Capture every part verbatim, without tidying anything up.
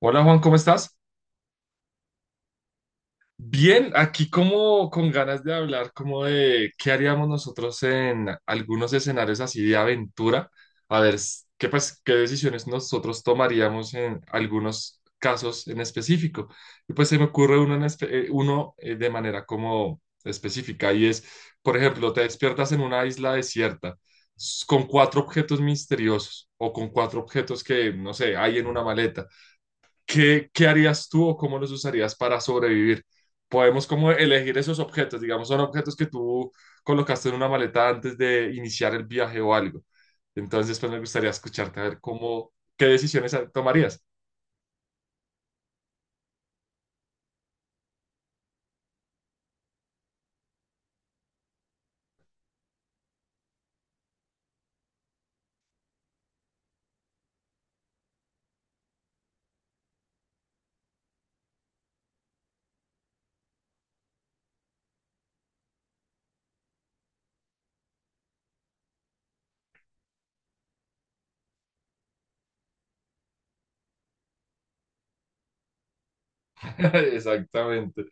Hola Juan, ¿cómo estás? Bien, aquí como con ganas de hablar como de qué haríamos nosotros en algunos escenarios así de aventura, a ver s- qué, pas- qué decisiones nosotros tomaríamos en algunos casos en específico. Y pues se me ocurre uno, en espe- eh, uno eh, de manera como específica y es, por ejemplo, te despiertas en una isla desierta s- con cuatro objetos misteriosos o con cuatro objetos que, no sé, hay en una maleta. ¿qué, Qué harías tú o cómo los usarías para sobrevivir? Podemos como elegir esos objetos, digamos, son objetos que tú colocaste en una maleta antes de iniciar el viaje o algo. Entonces, pues me gustaría escucharte a ver cómo, qué decisiones tomarías. Exactamente.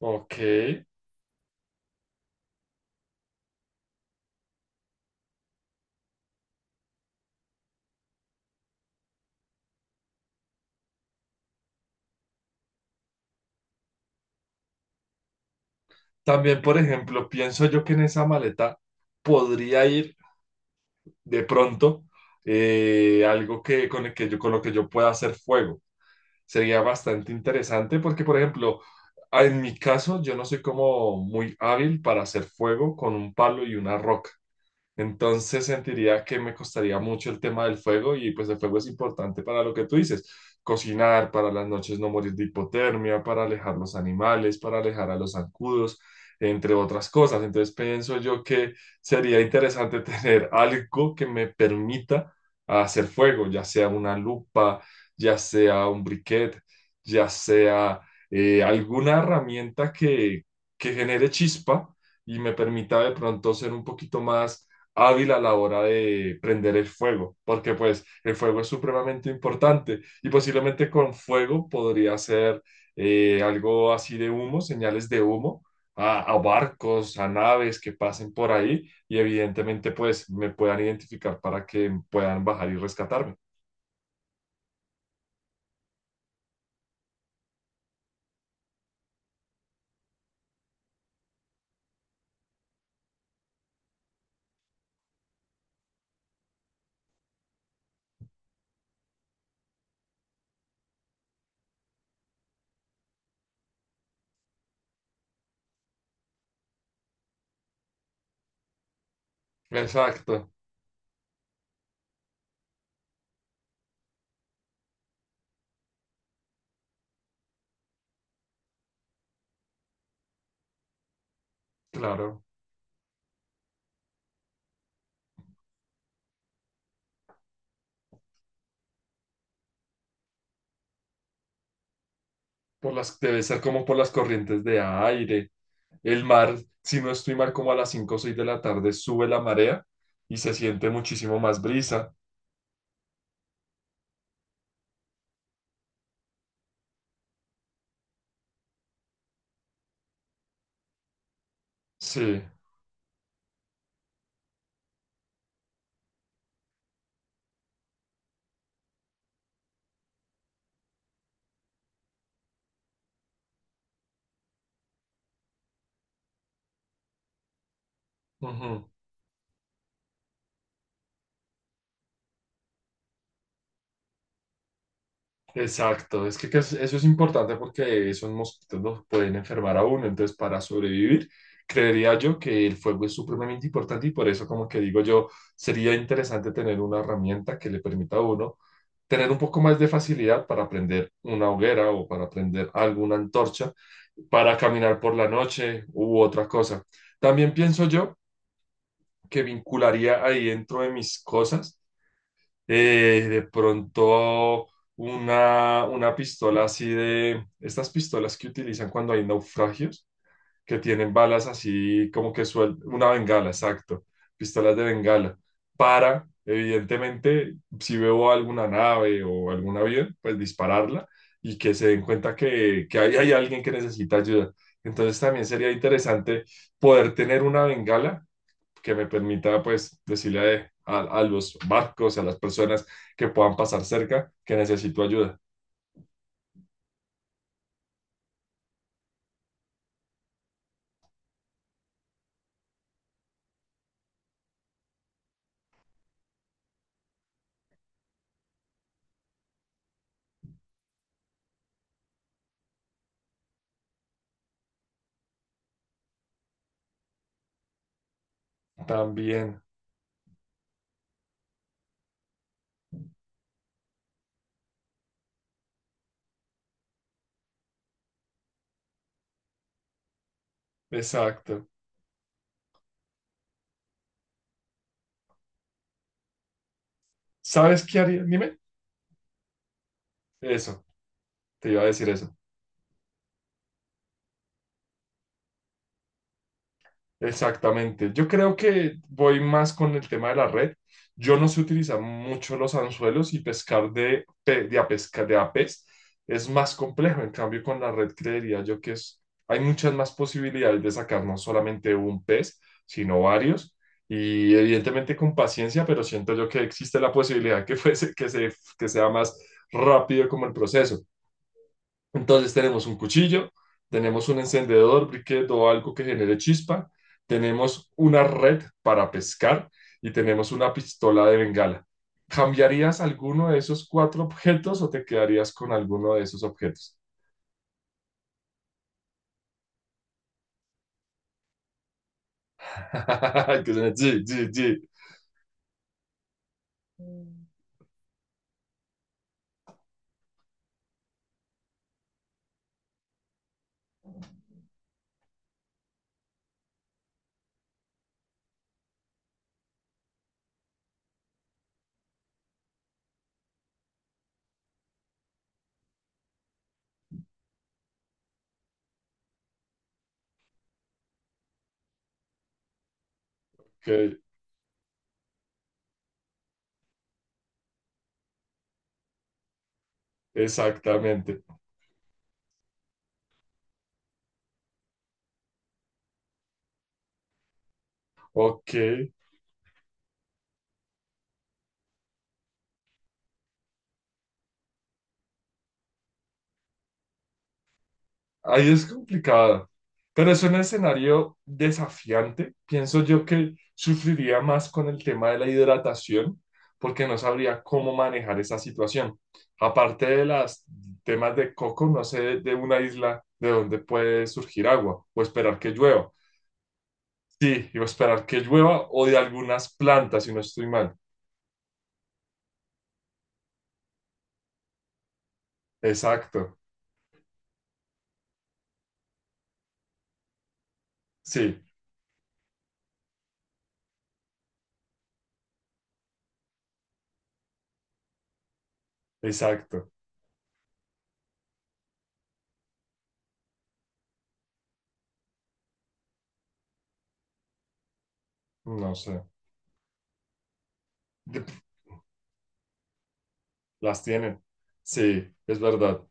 Ok. También, por ejemplo, pienso yo que en esa maleta podría ir de pronto, eh, algo que, con el que yo, con lo que yo pueda hacer fuego. Sería bastante interesante porque, por ejemplo, en mi caso, yo no soy como muy hábil para hacer fuego con un palo y una roca. Entonces sentiría que me costaría mucho el tema del fuego y pues el fuego es importante para lo que tú dices, cocinar, para las noches no morir de hipotermia, para alejar los animales, para alejar a los zancudos, entre otras cosas. Entonces pienso yo que sería interesante tener algo que me permita hacer fuego, ya sea una lupa, ya sea un briquet, ya sea eh, alguna herramienta que, que genere chispa y me permita de pronto ser un poquito más hábil a la hora de prender el fuego, porque pues el fuego es supremamente importante y posiblemente con fuego podría ser, eh, algo así de humo, señales de humo a, a barcos, a naves que pasen por ahí y evidentemente pues me puedan identificar para que puedan bajar y rescatarme. Exacto, claro. Por las, debe ser como por las corrientes de aire. El mar, si no estoy mal, como a las cinco o seis de la tarde sube la marea y se siente muchísimo más brisa. Sí, ujú, exacto. Es que, que es- eso es importante porque esos mosquitos los pueden enfermar a uno. Entonces, para sobrevivir, creería yo que el fuego es supremamente importante y por eso, como que digo yo, sería interesante tener una herramienta que le permita a uno tener un poco más de facilidad para prender una hoguera o para prender alguna antorcha, para caminar por la noche u otra cosa. También pienso yo que vincularía ahí dentro de mis cosas, eh, de pronto una, una pistola así de estas pistolas que utilizan cuando hay naufragios, que tienen balas así como que suel, una bengala, exacto, pistolas de bengala, para, evidentemente, si veo alguna nave o algún avión, pues dispararla y que se den cuenta que, que ahí hay alguien que necesita ayuda. Entonces también sería interesante poder tener una bengala que me permita pues decirle a, a- a los barcos, a las personas que puedan pasar cerca que necesito ayuda. También, exacto. ¿Sabes qué haría? Dime, eso, te iba a decir eso. Exactamente. Yo creo que voy más con el tema de la red. Yo no sé utilizar mucho los anzuelos y pescar de, pe- de, a pesca, de a pez es más complejo. En cambio, con la red creería yo que es, hay muchas más posibilidades de sacar no solamente un pez, sino varios. Y evidentemente con paciencia, pero siento yo que existe la posibilidad que fuese, que se, que sea más rápido como el proceso. Entonces tenemos un cuchillo, tenemos un encendedor, briquet o algo que genere chispa, tenemos una red para pescar y tenemos una pistola de bengala. ¿Cambiarías alguno de esos cuatro objetos o te quedarías con alguno de esos objetos? Que suena, sí, sí, sí. Ok, exactamente. Ok. Ahí es complicado, pero es un escenario desafiante. Pienso yo que sufriría más con el tema de la hidratación porque no sabría cómo manejar esa situación. Aparte de los temas de coco, no sé de una isla de donde puede surgir agua o esperar que llueva. Sí, o esperar que llueva o de algunas plantas, si no estoy mal. Exacto, sí, exacto. No sé, de- las tienen. Sí, es verdad.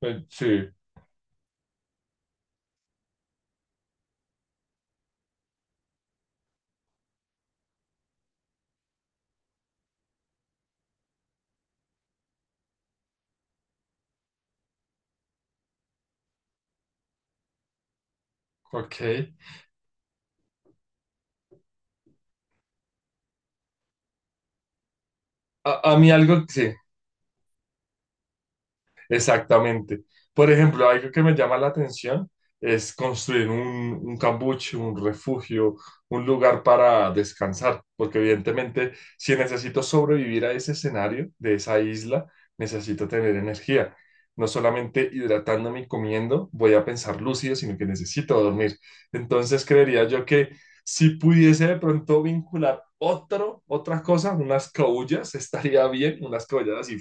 Eh, Sí, ok. A, a mí algo, sí. Exactamente. Por ejemplo, algo que me llama la atención es construir un, un cambuche, un refugio, un lugar para descansar, porque evidentemente si necesito sobrevivir a ese escenario de esa isla, necesito tener energía. No solamente hidratándome y comiendo voy a pensar lúcido, sino que necesito dormir. Entonces creería yo que si pudiese de pronto vincular otro, otra cosa, unas caullas, estaría bien, unas caullas así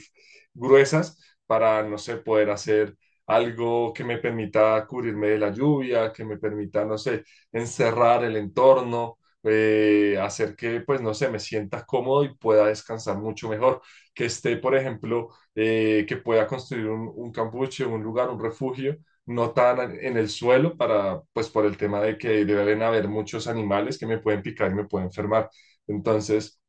gruesas para, no sé, poder hacer algo que me permita cubrirme de la lluvia, que me permita, no sé, encerrar el entorno, eh, hacer que, pues, no sé, me sienta cómodo y pueda descansar mucho mejor, que esté, por ejemplo, eh, que pueda construir un, un campuche, un lugar, un refugio, no tan en el suelo para, pues, por el tema de que deben haber muchos animales que me pueden picar y me pueden enfermar. Entonces,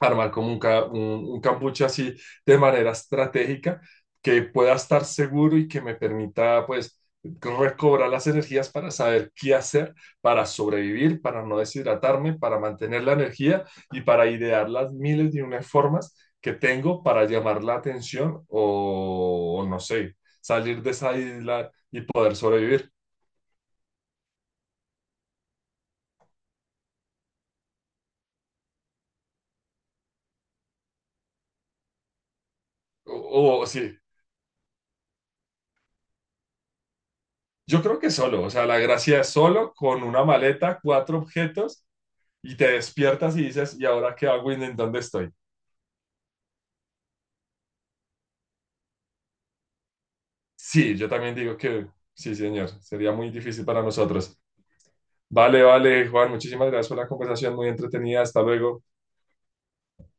armar como un, ca- un, un cambuche así de manera estratégica que pueda estar seguro y que me permita pues recobrar las energías para saber qué hacer, para sobrevivir, para no deshidratarme, para mantener la energía y para idear las miles de unas formas que tengo para llamar la atención o, o no sé, salir de esa isla y poder sobrevivir. O, o sí, yo creo que solo, o sea, la gracia es solo con una maleta, cuatro objetos y te despiertas y dices, ¿y ahora qué hago y en dónde estoy? Sí, yo también digo que sí, señor, sería muy difícil para nosotros. Vale, vale, Juan, muchísimas gracias por la conversación, muy entretenida, hasta luego.